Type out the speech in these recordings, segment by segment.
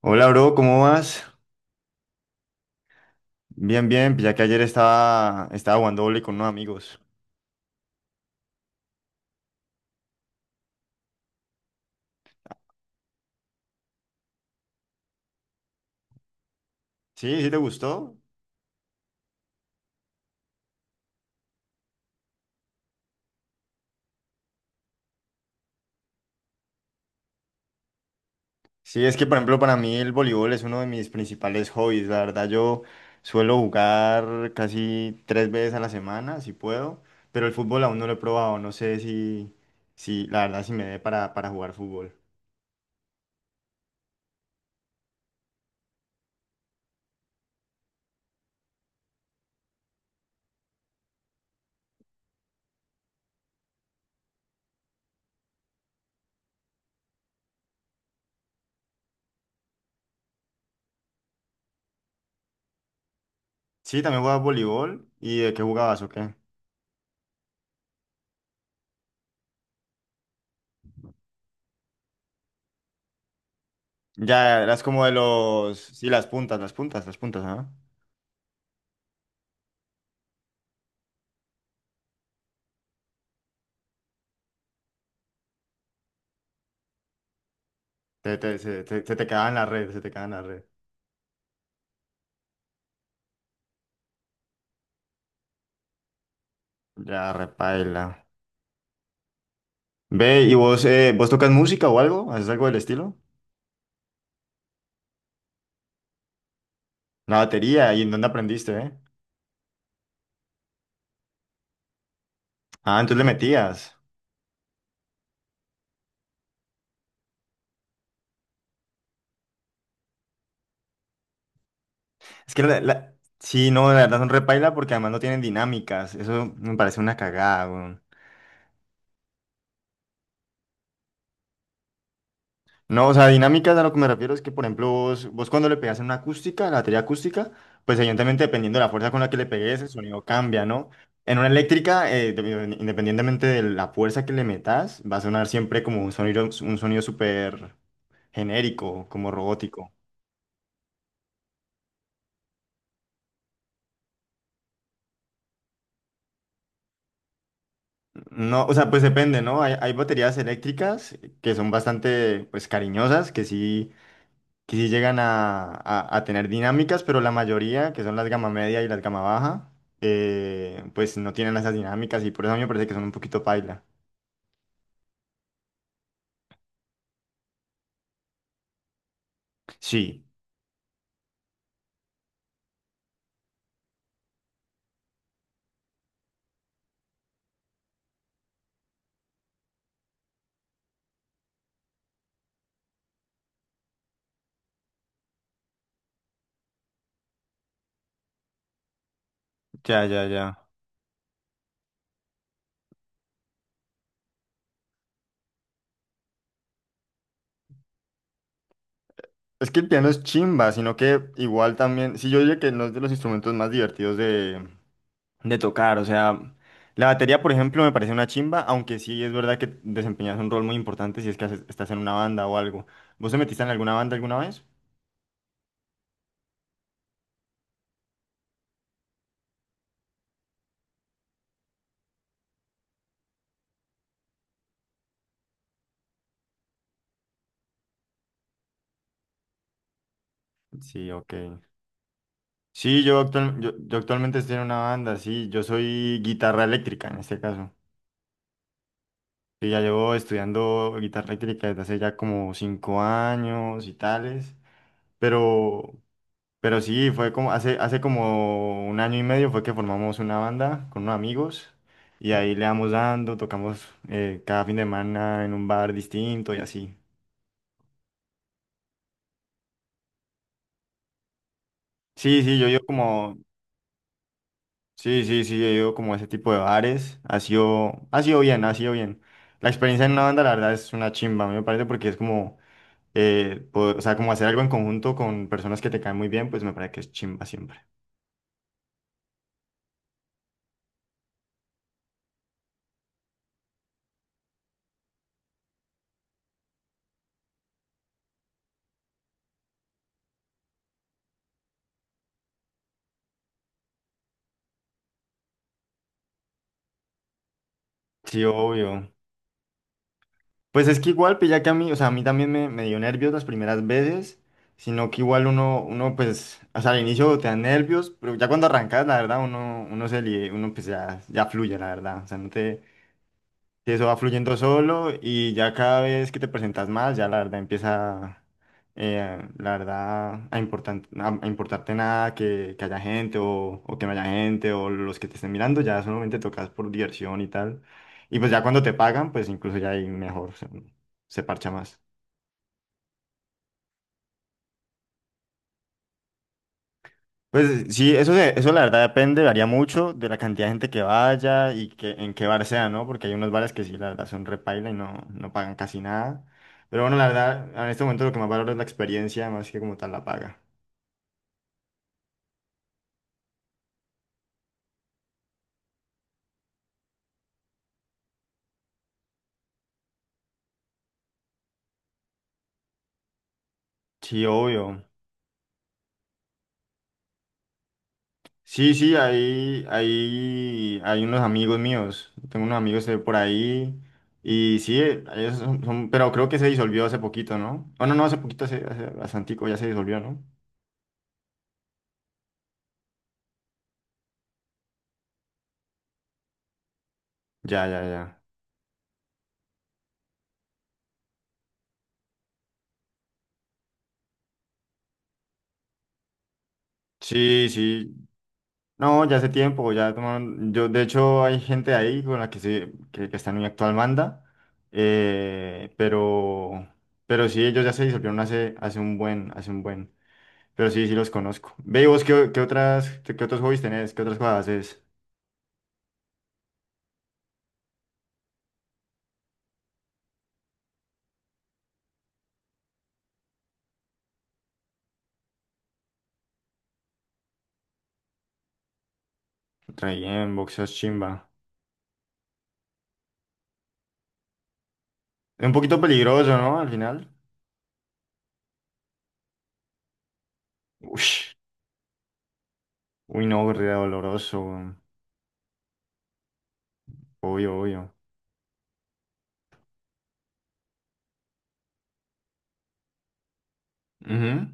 Hola, bro, ¿cómo vas? Bien, bien, pues ya que ayer estaba jugando voleibol con unos amigos. ¿Sí? ¿Sí te gustó? Sí, es que, por ejemplo, para mí el voleibol es uno de mis principales hobbies. La verdad, yo suelo jugar casi 3 veces a la semana, si puedo, pero el fútbol aún no lo he probado. No sé si, si la verdad, si me dé para jugar fútbol. Sí, también jugabas voleibol. ¿Y de qué jugabas o qué? Ya, eras como de los... Sí, las puntas, las puntas, las puntas, ¿ah? Se te quedaba en la red, se te quedaba en la red. Ya, repaila. Ve, ¿y vos, vos tocas música o algo? ¿Haces algo del estilo? La batería, ¿y en dónde aprendiste, Ah, entonces le metías. Es que la, la- Sí, no, la verdad son repaila porque además no tienen dinámicas. Eso me parece una cagada, weón. No, o sea, dinámicas a lo que me refiero es que, por ejemplo, vos cuando le pegas en una acústica, la batería acústica, pues evidentemente dependiendo de la fuerza con la que le pegues, el sonido cambia, ¿no? En una eléctrica, independientemente de la fuerza que le metas, va a sonar siempre como un sonido súper genérico, como robótico. No, o sea, pues depende, ¿no? Hay baterías eléctricas que son bastante, pues, cariñosas, que sí llegan a, a tener dinámicas, pero la mayoría, que son las gama media y las gama baja, pues no tienen esas dinámicas y por eso a mí me parece que son un poquito paila. Sí, ya, ya, ya. Es que el piano es chimba, sino que igual también, sí, yo diría que no es de los instrumentos más divertidos de tocar, o sea, la batería, por ejemplo, me parece una chimba, aunque sí es verdad que desempeñas un rol muy importante si es que estás en una banda o algo. ¿Vos te metiste en alguna banda alguna vez? Sí, ok. Sí, yo actualmente estoy en una banda, sí, yo soy guitarra eléctrica en este caso. Sí, ya llevo estudiando guitarra eléctrica desde hace ya como 5 años y tales, pero Pero sí, fue como hace como 1 año y medio fue que formamos una banda con unos amigos y ahí le damos dando, tocamos cada fin de semana en un bar distinto y así. Sí, sí, yo he ido como, sí, sí, sí, he ido como a ese tipo de bares, ha sido bien, ha sido bien. La experiencia en una banda la verdad es una chimba, a mí me parece porque es como, o sea, como hacer algo en conjunto con personas que te caen muy bien, pues me parece que es chimba siempre. Sí, obvio. Pues es que igual, pues ya que a mí, o sea, a mí también me dio nervios las primeras veces, sino que igual uno pues, o sea, al inicio te da nervios, pero ya cuando arrancas, la verdad, uno, uno pues ya, ya fluye, la verdad, o sea, no te, y eso va fluyendo solo y ya cada vez que te presentas más, ya la verdad empieza, la verdad, a importarte nada que, que haya gente o que no haya gente o los que te estén mirando, ya solamente tocas por diversión y tal. Y pues ya cuando te pagan, pues incluso ya ahí mejor se, se parcha más. Pues sí, eso la verdad depende, varía mucho de la cantidad de gente que vaya y que, en qué bar sea, ¿no? Porque hay unos bares que sí, la verdad, son repaila y no, no pagan casi nada. Pero bueno, la verdad, en este momento lo que más valoro es la experiencia, más que como tal la paga. Sí, obvio. Sí, sí, ahí, ahí, hay unos amigos míos. Tengo unos amigos de por ahí. Y sí, pero creo que se disolvió hace poquito, ¿no? Oh, no, no, hace poquito, hace bastantico, ya se disolvió, ¿no? Ya, ya, ya. Sí, sí. No, ya hace tiempo, ya tomaron, yo de hecho hay gente ahí con la que que está en mi actual banda, eh, pero, pero sí, ellos ya se disolvieron hace un buen, pero sí, sí los conozco. Ve, ¿y vos qué, qué otros hobbies tenés, qué otras cosas haces? Bien boxeas, chimba. Es un poquito peligroso, ¿no? Al final. Uy, uy, no, re doloroso, weón. Obvio, obvio. Ujú.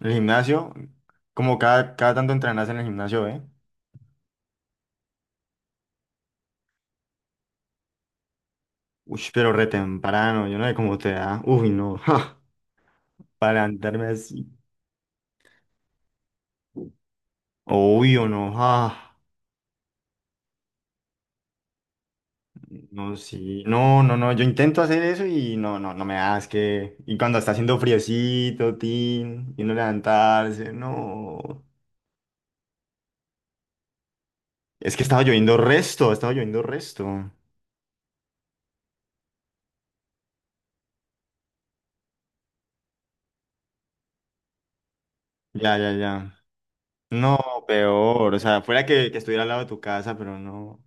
El gimnasio, como cada tanto entrenas en el gimnasio, ¿eh? Uy, pero re temprano, yo no sé cómo te da. Uy, no, ja, para andarme así. Obvio, no, ja. No, sí, no, no, no, yo intento hacer eso y no, no, no me da, es que... Y cuando está haciendo friecito, tin, y no levantarse, no. Es que estaba lloviendo resto, estaba lloviendo resto. Ya, ya, ya. No, peor, o sea, fuera que estuviera al lado de tu casa, pero no.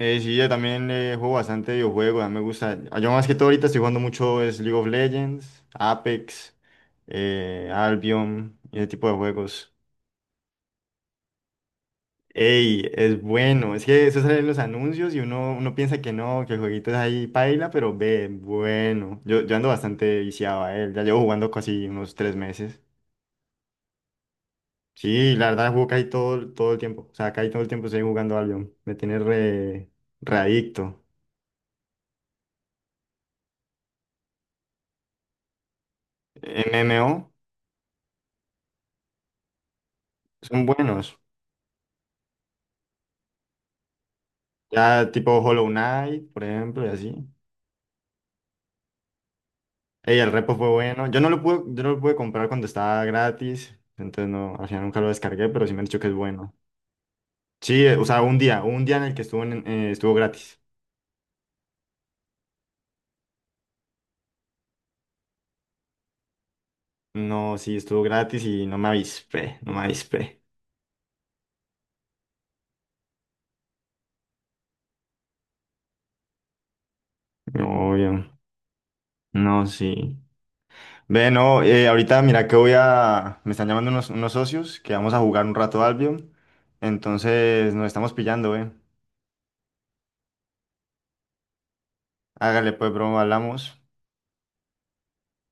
Sí, yo también juego bastante videojuegos, a mí me gusta. Yo más que todo ahorita estoy jugando mucho es League of Legends, Apex, Albion, y ese tipo de juegos. Ey, es bueno, es que eso sale en los anuncios y uno piensa que no, que el jueguito es ahí paila, pero ve, bueno. Yo ando bastante viciado a él, ya llevo jugando casi unos 3 meses. Sí, la verdad juego casi todo el tiempo, o sea, casi todo el tiempo estoy jugando Albion, me tiene re, re adicto. MMO son buenos. Ya tipo Hollow Knight, por ejemplo, y así. Ey, el repo fue bueno. Yo no lo pude comprar cuando estaba gratis. Entonces no, al final nunca lo descargué, pero sí me han dicho que es bueno. Sí, o sea, un día en el que estuvo estuvo gratis. No, sí, estuvo gratis y no me avispé, no me avispé. Obvio. No, sí. Ve, no, ahorita mira que voy a. Me están llamando unos, unos socios que vamos a jugar un rato Albion. Entonces nos estamos pillando, eh. Hágale pues, bro, hablamos.